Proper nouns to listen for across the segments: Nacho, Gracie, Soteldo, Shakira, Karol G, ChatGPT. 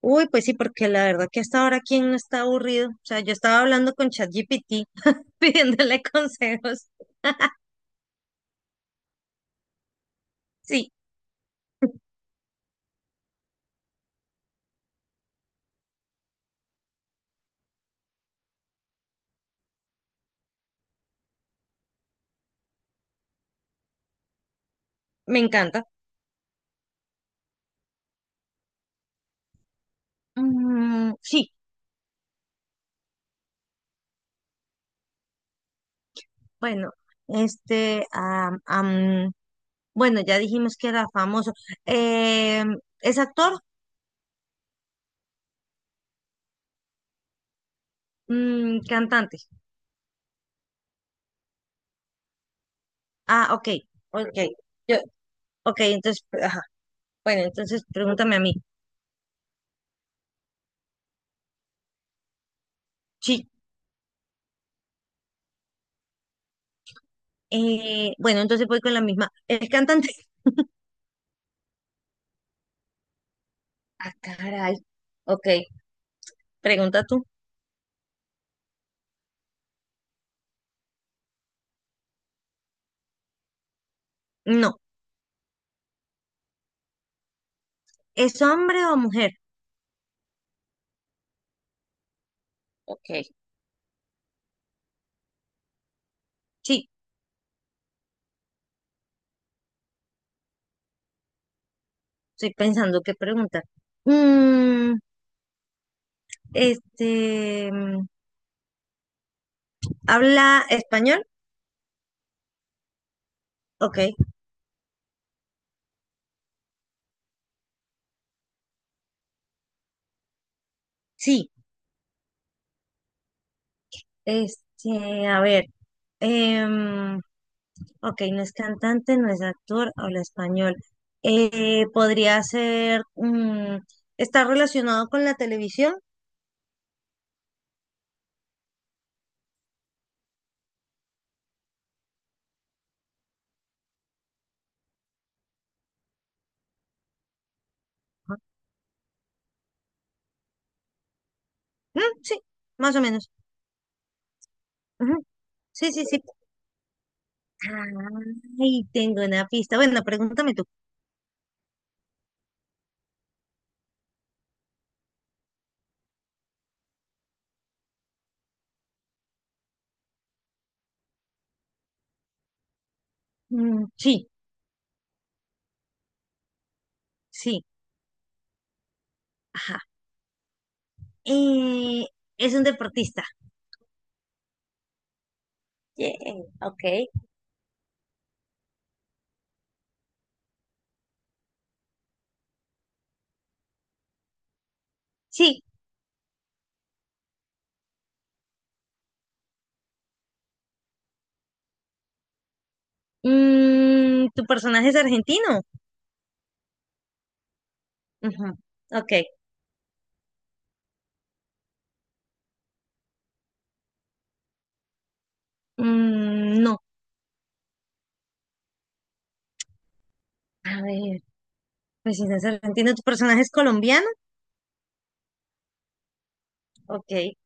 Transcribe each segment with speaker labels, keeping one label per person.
Speaker 1: Uy, pues sí, porque la verdad que hasta ahora quién no está aburrido. O sea, yo estaba hablando con ChatGPT, pidiéndole consejos. Sí, me encanta. Mm, sí, bueno, este, am, am, bueno, ya dijimos que era famoso. Eh, ¿Es actor? Mm, cantante. Ah, ok, ok. Yo, ok, entonces, ajá. Bueno, entonces pregúntame a mí. Sí. Bueno, entonces voy con la misma. ¿Es cantante? Ah, caray. Ok, pregunta tú. No. ¿Es hombre o mujer? Ok. Sí, estoy pensando qué preguntar. Mm, este, mm, ¿Habla español? Ok, sí. Este, a ver. em, ok, no es cantante, no es actor, habla español. ¿Podría ser, está relacionado con la televisión? Ajá. Mm, sí, más o menos. Ujú, sí, sí, sí. Ay, tengo una pista. Bueno, pregúntame tú. Mm, sí, sí. Eh, es un deportista. Yeah, ok. Sí. Mm, ¿tu personaje es argentino? Ujú, ok, mm, no. A ver, pues si no es argentino, ¿tu personaje es colombiano? Ok.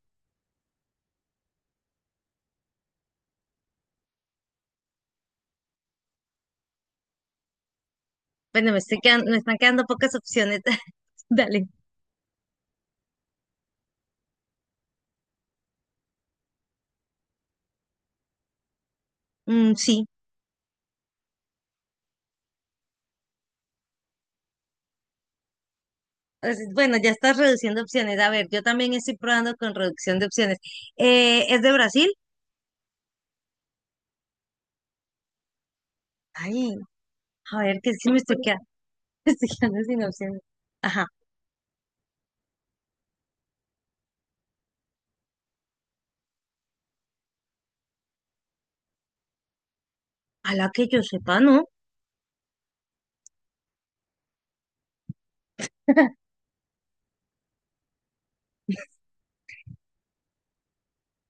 Speaker 1: Bueno, me estoy me están quedando pocas opciones. Dale. Mm, sí. Pues, bueno, ya estás reduciendo opciones. A ver, yo también estoy probando con reducción de opciones. ¿Es de Brasil? Ay, a ver, que es que me estoy quedando, me estoy quedando sin opciones. Ajá. A la que yo sepa, ¿no?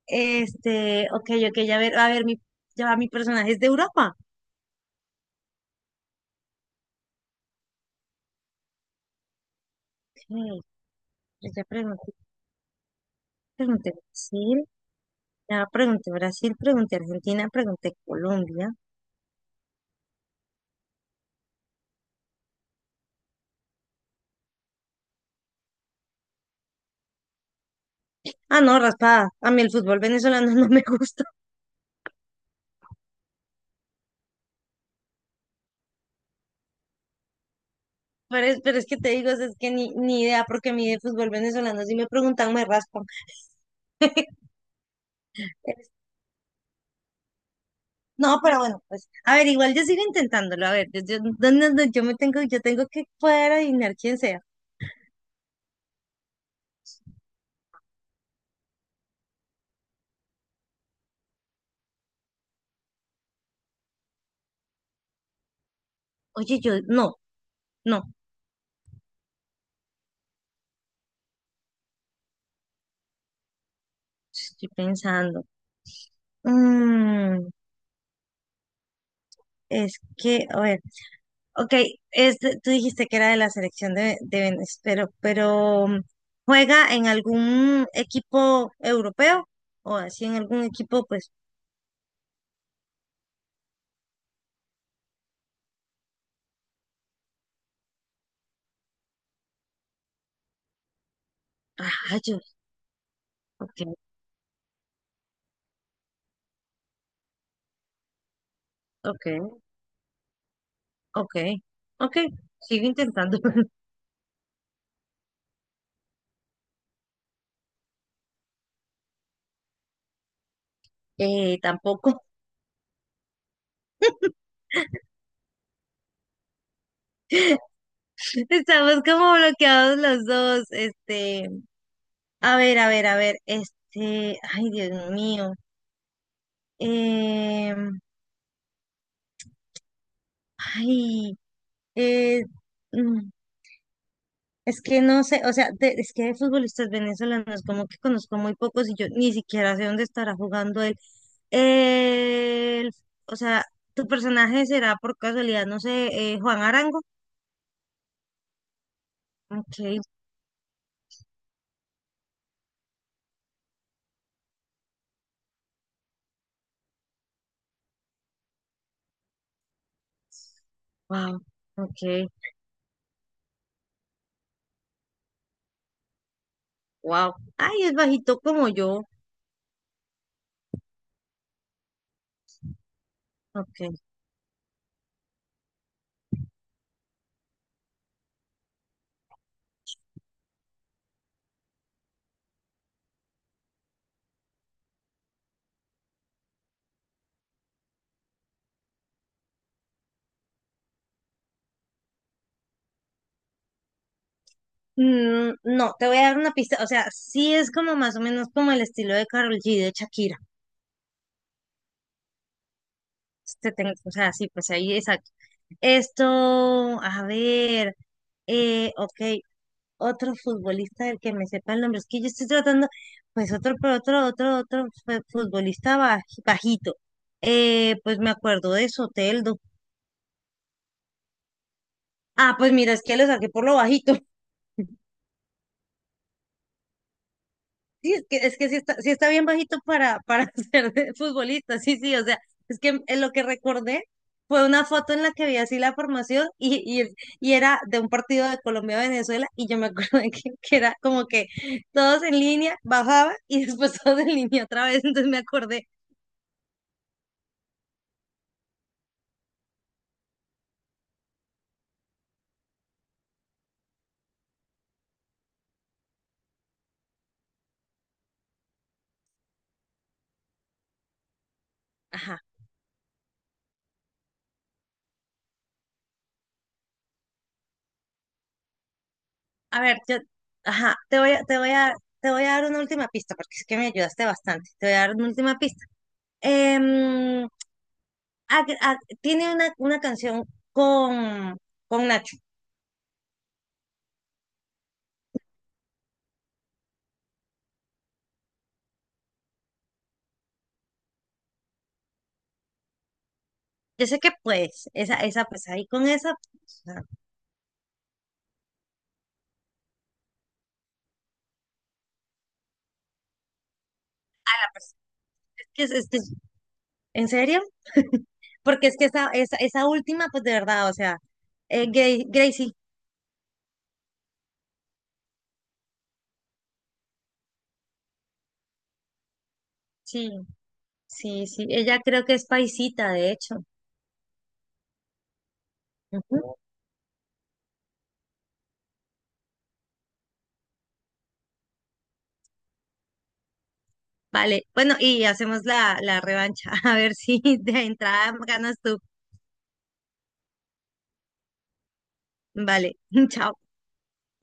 Speaker 1: Este, ok, ok, a ver, ya va, mi personaje es de Europa. Ok, pues ya pregunté, pregunté Brasil, ya pregunté Brasil, pregunté Argentina, pregunté Colombia. Ah, no, raspada. A mí el fútbol venezolano no me gusta. Pero es que te digo, es que ni idea, porque a mí de fútbol venezolano, si me preguntan, me raspan. No, pero bueno, pues, a ver, igual yo sigo intentándolo. A ver, yo, no, no, no, yo tengo que poder adivinar quién sea. Oye, yo, no, no, estoy pensando. Mm, es que, a ver, ok, tú dijiste que era de la selección de Venezuela, pero ¿juega en algún equipo europeo? ¿O así en algún equipo, pues, rayos? Ok, ok, ok, ok, sigo intentando. Tampoco. Estamos como bloqueados los dos. Este, a ver, a ver, a ver, este, ay, Dios mío. Em, Ay, eh, es que no sé, o sea, es que de futbolistas venezolanos como que conozco muy pocos y yo ni siquiera sé dónde estará jugando él. El, o sea, tu personaje será por casualidad, no sé, Juan Arango. Ok, wow, ok, wow. Ay, es bajito como yo. Ok. Mm, no, te voy a dar una pista, o sea, sí es como más o menos como el estilo de Karol G, de Shakira. Este o sea, sí, pues ahí, exacto. Esto, a ver. Ok, otro futbolista del que me sepa el nombre. Es que yo estoy tratando, pues otro, pero otro, otro, otro futbolista bajito. Pues me acuerdo de Soteldo. Ah, pues mira, es que lo saqué por lo bajito. Sí, es que sí está bien bajito para ser de futbolista. Sí, sí, o sea, es que lo que recordé fue una foto en la que vi así la formación y era de un partido de Colombia-Venezuela y yo me acuerdo que era como que todos en línea, bajaba y después todos en línea otra vez, entonces me acordé. Ajá. A ver, yo, ajá, te voy a dar una última pista, porque es que me ayudaste bastante. Te voy a dar una última pista. Em, Tiene una canción con, con Nacho. Yo sé que pues, esa, pues ahí con esa, pues, o sea, es que, es, que- ¿en serio? Porque es que esa última, pues de verdad, o sea, Gracie, sí, sí, sí. Ella creo que es paisita, de hecho. Ujú. Vale, bueno, y hacemos la, la revancha, a ver si de entrada ganas tú. Vale, chao.